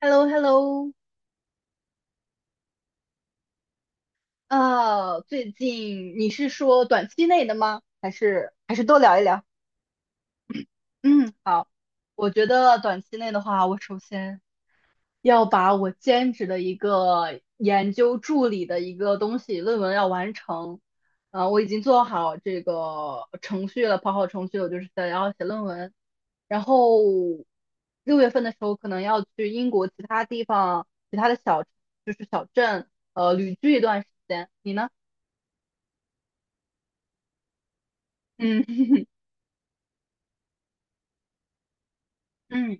h e l l o h e l l o 最近你是说短期内的吗？还是多聊一聊？嗯，好，我觉得短期内的话，我首先要把我兼职的一个研究助理的一个东西论文要完成。我已经做好这个程序了，跑好程序了，我就是想要写论文。然后6月份的时候，可能要去英国其他地方、其他的小，就是小镇，旅居一段时间。你呢？嗯 嗯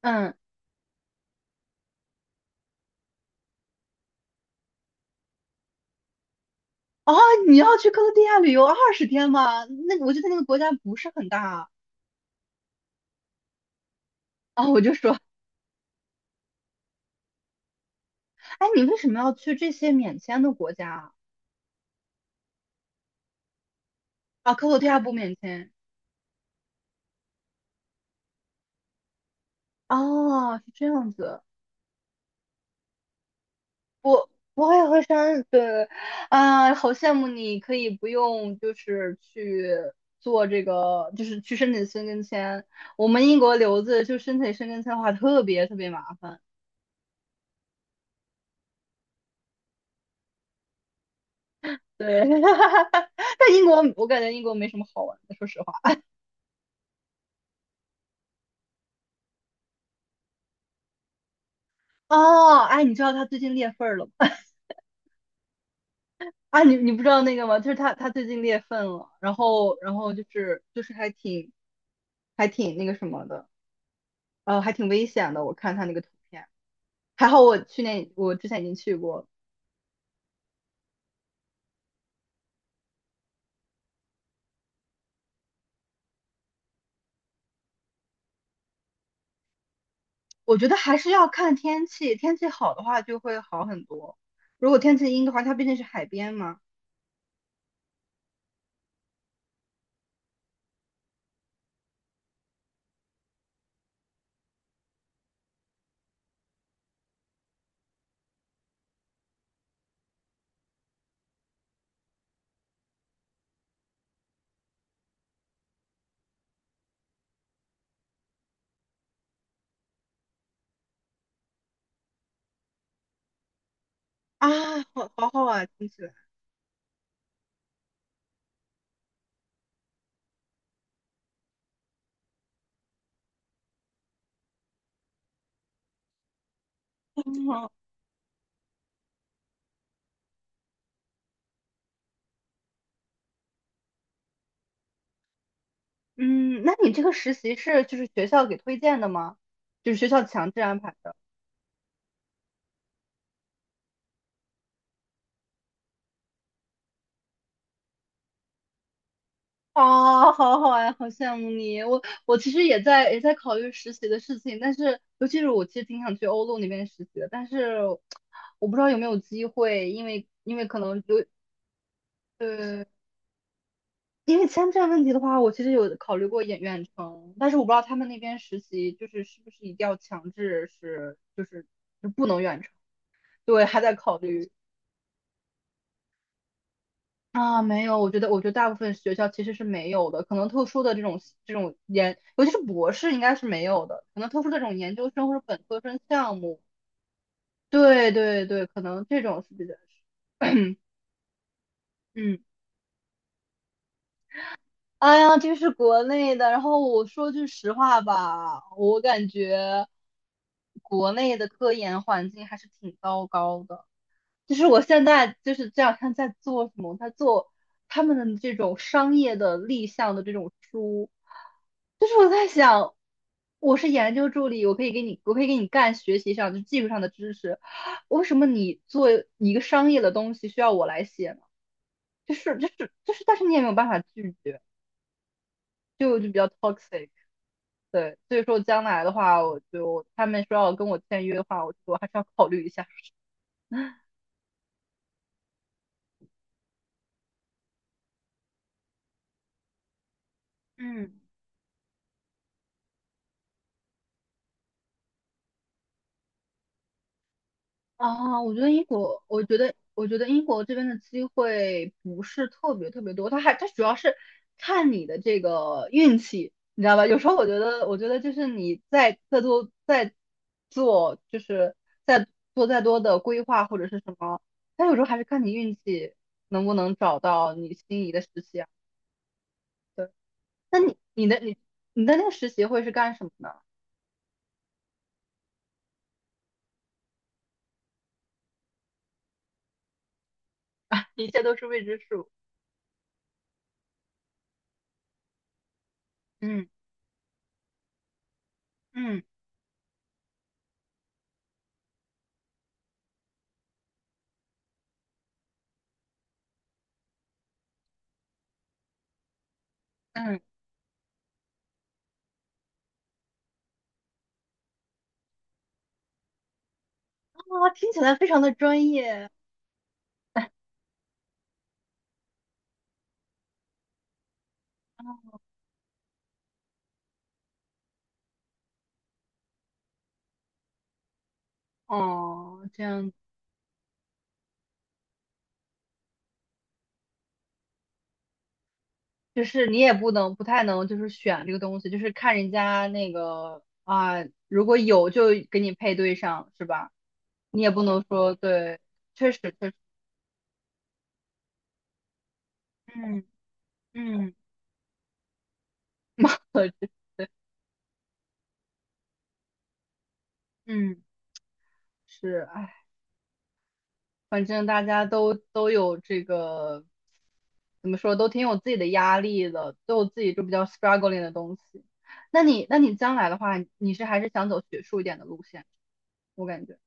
嗯，哦，你要去克罗地亚旅游20天吗？那我觉得那个国家不是很大啊，我就说，哎，你为什么要去这些免签的国家啊？克罗地亚不免签哦，是这样子。我我也会删，对，啊，好羡慕你可以不用就是去做这个，就是去申请申根签。我们英国留子就申请申根签的话，特别特别麻烦。对，但英国我感觉英国没什么好玩的，说实话。哦，哎，你知道他最近裂缝了吗？啊，你不知道那个吗？就是他最近裂缝了，然后就是还挺那个什么的，还挺危险的。我看他那个图片，还好我去年我之前已经去过了。我觉得还是要看天气，天气好的话就会好很多。如果天气阴的话，它毕竟是海边嘛，啊，好好好啊，听起来。嗯，那你这个实习是就是学校给推荐的吗？就是学校强制安排的？啊，好好呀，好羡慕你。我其实也在考虑实习的事情，但是尤其是我其实挺想去欧陆那边实习的，但是我不知道有没有机会，因为可能就呃，因为签证问题的话，我其实有考虑过远程，但是我不知道他们那边实习就是是不是一定要强制是就是就不能远程，对，还在考虑。啊，没有，我觉得大部分学校其实是没有的，可能特殊的这种研，尤其是博士应该是没有的，可能特殊的这种研究生或者本科生项目，对对对，可能这种是比较，嗯哎呀，这是国内的。然后我说句实话吧，我感觉国内的科研环境还是挺糟糕的。就是我现在就是这两天在做什么？在做他们的这种商业的立项的这种书，就是我在想，我是研究助理，我可以给你，我可以给你干学习上就技术上的知识，为什么你做一个商业的东西需要我来写呢？就是，但是你也没有办法拒绝，就比较 toxic。对，所以说将来的话，我就他们说要跟我签约的话，我还是要考虑一下。嗯。啊，我觉得英国，我觉得英国这边的机会不是特别特别多，它还它主要是看你的这个运气，你知道吧？有时候我觉得就是你再多再做，就是再做再多的规划或者是什么，它有时候还是看你运气能不能找到你心仪的实习啊。对，那你你的你你的那个实习会是干什么呢？一切都是未知数。嗯嗯嗯，啊，听起来非常的专业。哦，这样就是你也不能不太能就是选这个东西，就是看人家那个啊，如果有就给你配对上，是吧？你也不能说对，确实确实，嗯嗯，可是对，嗯是，哎，反正大家都有这个怎么说，都挺有自己的压力的，都有自己就比较 struggling 的东西。那你将来的话，你是还是想走学术一点的路线，我感觉，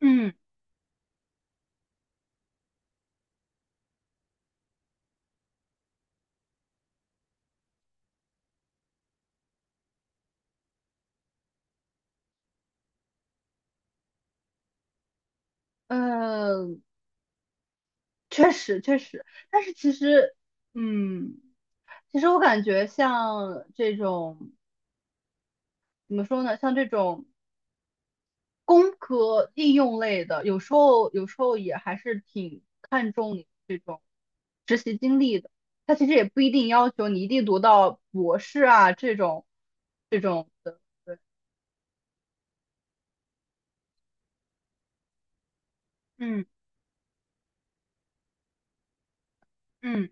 嗯。嗯，确实确实，但是其实，嗯，其实我感觉像这种怎么说呢，像这种工科应用类的，有时候也还是挺看重你这种实习经历的。它其实也不一定要求你一定读到博士啊这种这种的。对，嗯嗯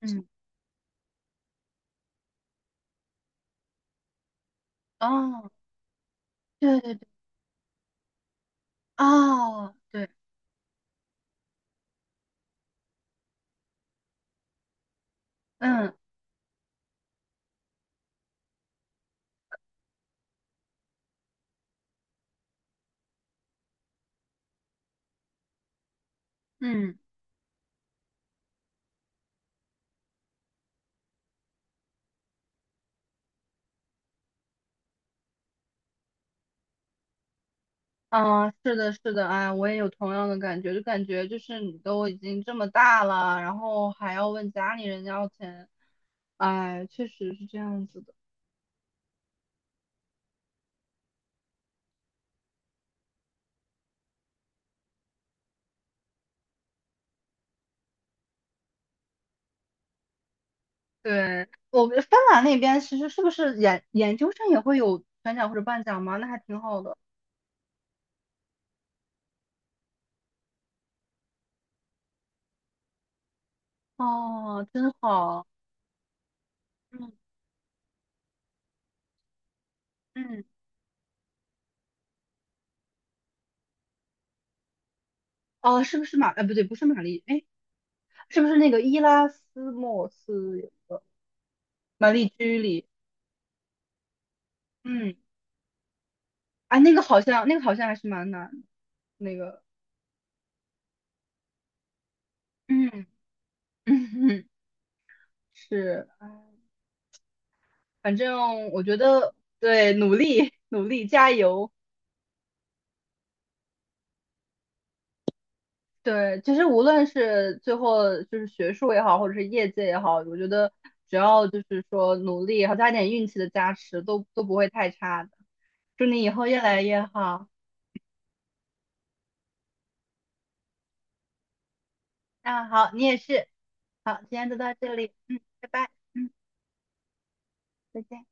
嗯，哦，对对对，哦，对，嗯。嗯。嗯，是的，是的，哎，我也有同样的感觉，就感觉就是你都已经这么大了，然后还要问家里人要钱，哎，确实是这样子的。对，我们芬兰那边其实是不是研究生也会有全奖或者半奖吗？那还挺好的。哦，真好。嗯嗯，哦，是不是马？哎，不对，不是玛丽，哎，是不是那个伊拉斯莫斯玛丽居里？嗯，哎，那个好像，那个好像还是蛮难的，那个，嗯嗯。是，反正我觉得对，努力努力加油。对，其实无论是最后就是学术也好，或者是业界也好，我觉得只要就是说努力，好加点运气的加持，都不会太差的。祝你以后越来越好。那好，你也是。好，今天就到这里，嗯，拜拜，嗯，再见。